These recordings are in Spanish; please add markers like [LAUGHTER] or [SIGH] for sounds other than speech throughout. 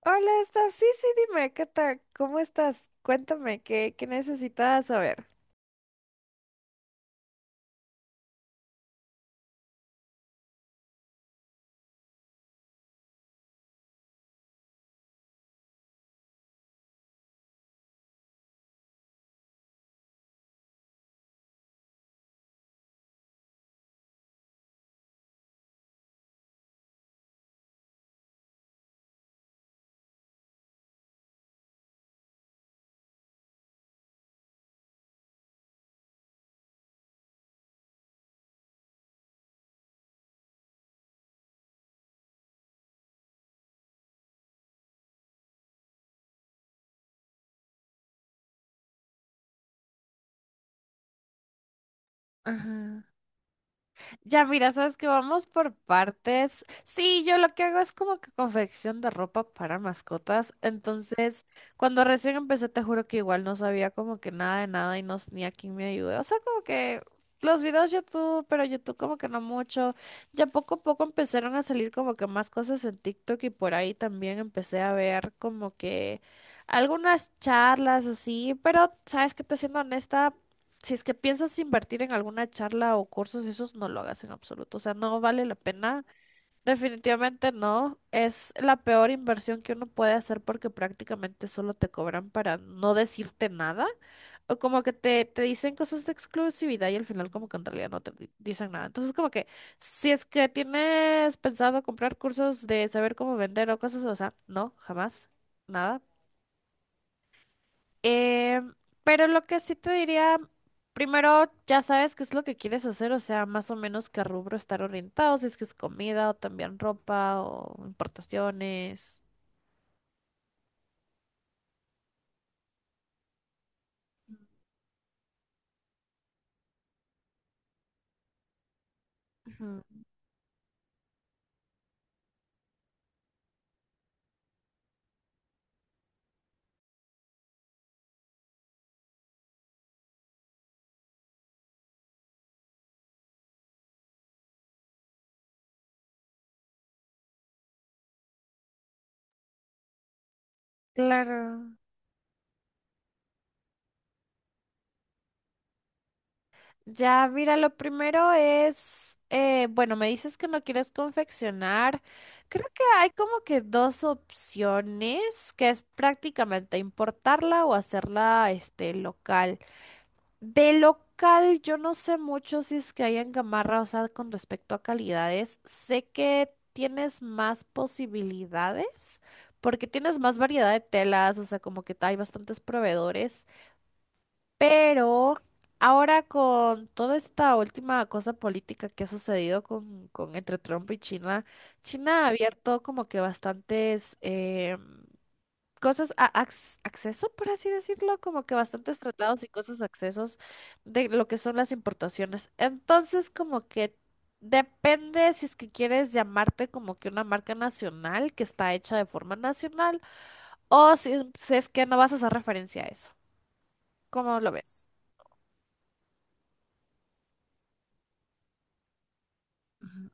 Hola, Steph. Sí, sí, dime, ¿qué tal? ¿Cómo estás? Cuéntame, ¿qué necesitas saber? Ajá. Ya, mira, sabes que vamos por partes. Sí, yo lo que hago es como que confección de ropa para mascotas. Entonces, cuando recién empecé, te juro que igual no sabía como que nada de nada y no ni a quién me ayudé. O sea, como que los videos YouTube, pero YouTube como que no mucho. Ya poco a poco empezaron a salir como que más cosas en TikTok y por ahí también empecé a ver como que algunas charlas así. Pero, sabes que te siendo honesta, si es que piensas invertir en alguna charla o cursos, esos no lo hagas en absoluto. O sea, no vale la pena. Definitivamente no. Es la peor inversión que uno puede hacer porque prácticamente solo te cobran para no decirte nada. O como que te dicen cosas de exclusividad y al final como que en realidad dicen nada. Entonces como que si es que tienes pensado comprar cursos de saber cómo vender o cosas, o sea, no, jamás. Nada, eh, pero lo que sí te diría, primero ya sabes qué es lo que quieres hacer, o sea, más o menos qué rubro estar orientado, si es que es comida o también ropa o importaciones. Ujú. Claro. Ya, mira, lo primero es, bueno, me dices que no quieres confeccionar. Creo que hay como que dos opciones, que es prácticamente importarla o hacerla, este, local. De local, yo no sé mucho si es que hay en Gamarra, o sea, con respecto a calidades. Sé que tienes más posibilidades porque tienes más variedad de telas, o sea, como que hay bastantes proveedores. Pero ahora con toda esta última cosa política que ha sucedido con, entre Trump y China, China ha abierto como que bastantes cosas, acceso, por así decirlo, como que bastantes tratados y cosas accesos de lo que son las importaciones. Entonces, como que depende si es que quieres llamarte como que una marca nacional que está hecha de forma nacional o si, si es que no vas a hacer referencia a eso. ¿Cómo lo ves? Ujú.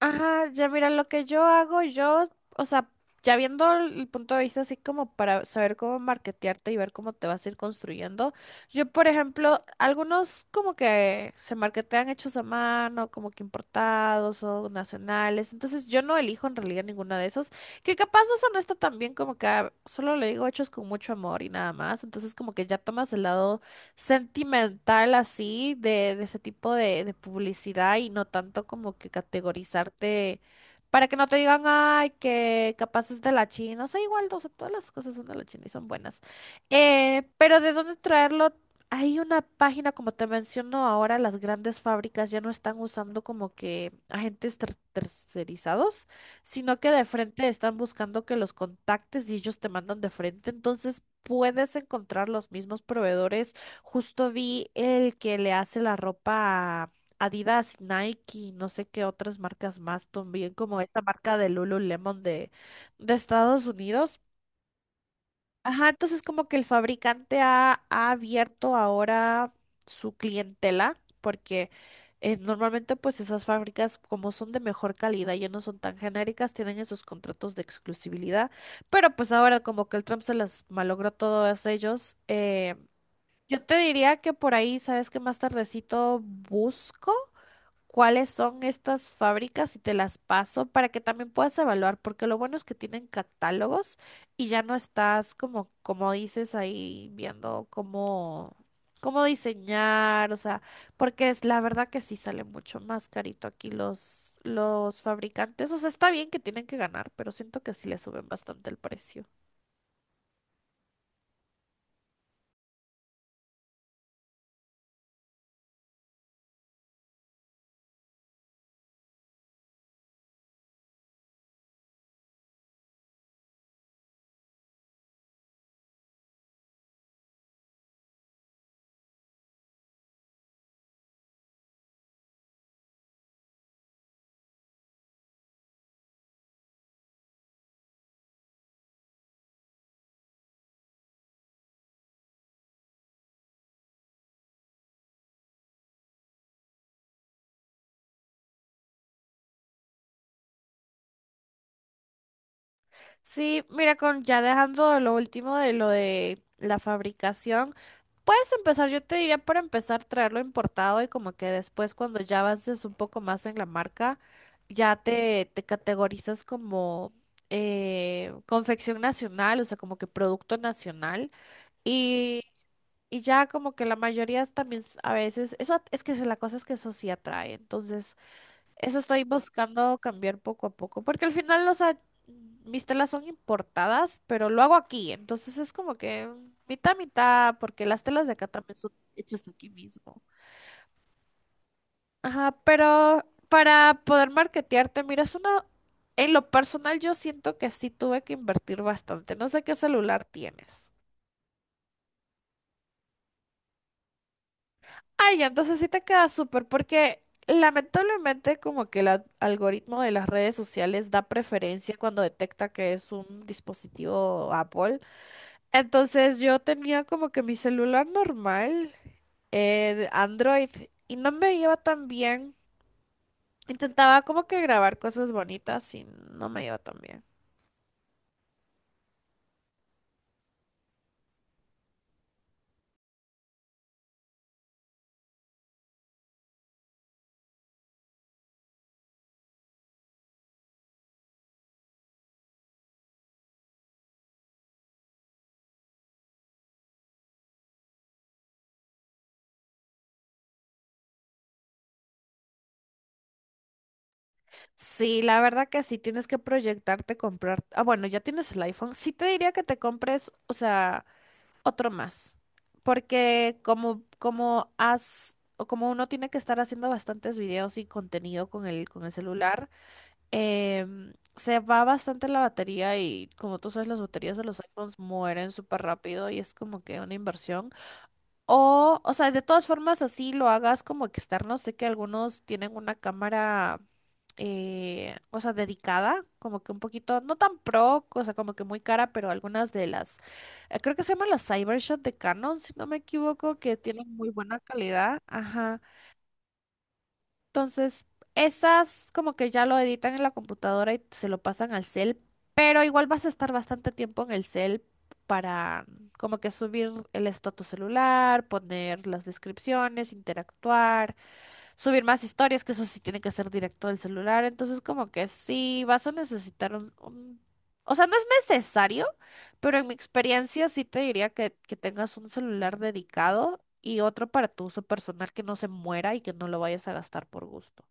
Ajá, ya mira, lo que yo hago, yo, o sea, ya viendo el punto de vista así como para saber cómo marketearte y ver cómo te vas a ir construyendo, yo, por ejemplo, algunos como que se marketean hechos a mano, como que importados o nacionales, entonces yo no elijo en realidad ninguno de esos, que capaz eso no está tan bien como que ah, solo le digo hechos con mucho amor y nada más, entonces como que ya tomas el lado sentimental así de, ese tipo de, publicidad y no tanto como que categorizarte para que no te digan, ay, que capaz es de la China. O sea, igual, o sea, todas las cosas son de la China y son buenas. Pero ¿de dónde traerlo? Hay una página, como te menciono ahora, las grandes fábricas ya no están usando como que agentes tercerizados, sino que de frente están buscando que los contactes y ellos te mandan de frente. Entonces puedes encontrar los mismos proveedores. Justo vi el que le hace la ropa a Adidas, Nike, no sé qué otras marcas más, también como esta marca de Lululemon de, Estados Unidos. Ajá, entonces como que el fabricante ha abierto ahora su clientela, porque normalmente pues esas fábricas como son de mejor calidad y no son tan genéricas, tienen esos contratos de exclusividad, pero pues ahora como que el Trump se las malogró a todos ellos. Yo te diría que por ahí, sabes que más tardecito busco cuáles son estas fábricas y te las paso para que también puedas evaluar, porque lo bueno es que tienen catálogos y ya no estás como, como dices ahí viendo cómo, cómo diseñar, o sea, porque es la verdad que sí sale mucho más carito aquí los fabricantes. O sea, está bien que tienen que ganar, pero siento que sí le suben bastante el precio. Sí, mira, con ya dejando lo último de lo de la fabricación, puedes empezar, yo te diría para empezar traerlo importado y como que después cuando ya avances un poco más en la marca, ya te categorizas como confección nacional, o sea, como que producto nacional. Y, y ya como que la mayoría también a veces, eso at- es que se- la cosa es que eso sí atrae. Entonces, eso estoy buscando cambiar poco a poco, porque al final, o sea, mis telas son importadas, pero lo hago aquí, entonces es como que mitad, mitad, porque las telas de acá también son hechas aquí mismo. Ajá, pero para poder marketearte, mira, es una... En lo personal, yo siento que sí tuve que invertir bastante. No sé qué celular tienes. Ay, entonces sí te queda súper, porque lamentablemente como que algoritmo de las redes sociales da preferencia cuando detecta que es un dispositivo Apple. Entonces yo tenía como que mi celular normal, de Android, y no me iba tan bien. Intentaba como que grabar cosas bonitas y no me iba tan bien. Sí, la verdad que sí, tienes que proyectarte, comprar. Ah, bueno, ya tienes el iPhone. Sí te diría que te compres, o sea... otro más, porque como, como has, o como uno tiene que estar haciendo bastantes videos y contenido con el celular, se va bastante la batería y como tú sabes, las baterías de los iPhones mueren súper rápido y es como que una inversión. O sea, de todas formas, así lo hagas como externo. Sé que algunos tienen una cámara, o sea, dedicada, como que un poquito, no tan pro, o sea, como que muy cara, pero algunas de las, creo que se llaman las Cybershot de Canon, si no me equivoco, que tienen muy buena calidad. Ajá. Entonces, esas como que ya lo editan en la computadora y se lo pasan al cel, pero igual vas a estar bastante tiempo en el cel para como que subir el estado a tu celular, poner las descripciones, interactuar, subir más historias, que eso sí tiene que ser directo del celular. Entonces, como que sí vas a necesitar o sea, no es necesario, pero en mi experiencia sí te diría que tengas un celular dedicado y otro para tu uso personal que no se muera y que no lo vayas a gastar por gusto.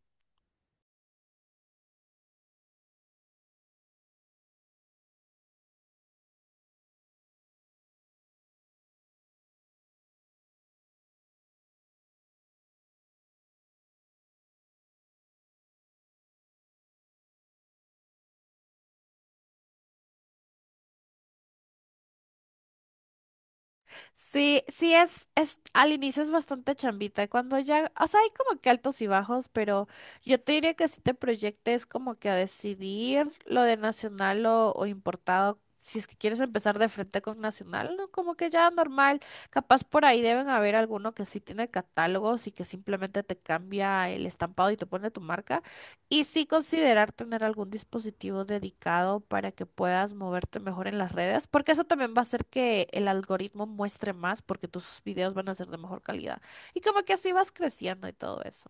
Sí, sí es, al inicio es bastante chambita, cuando ya, o sea, hay como que altos y bajos, pero yo te diría que si te proyectes como que a decidir lo de nacional o importado, si es que quieres empezar de frente con nacional, ¿no? Como que ya normal, capaz por ahí deben haber alguno que sí tiene catálogos y que simplemente te cambia el estampado y te pone tu marca. Y sí considerar tener algún dispositivo dedicado para que puedas moverte mejor en las redes, porque eso también va a hacer que el algoritmo muestre más, porque tus videos van a ser de mejor calidad. Y como que así vas creciendo y todo eso.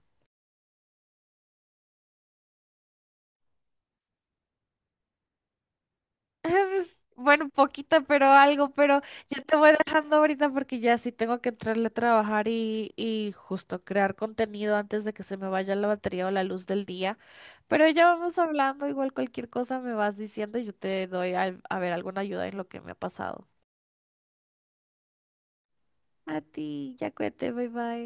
[LAUGHS] Bueno, poquita, pero algo, pero yo te voy dejando ahorita porque ya sí tengo que entrarle a trabajar y justo crear contenido antes de que se me vaya la batería o la luz del día. Pero ya vamos hablando, igual cualquier cosa me vas diciendo y yo te doy a ver alguna ayuda en lo que me ha pasado. A ti, ya cuídate, bye bye.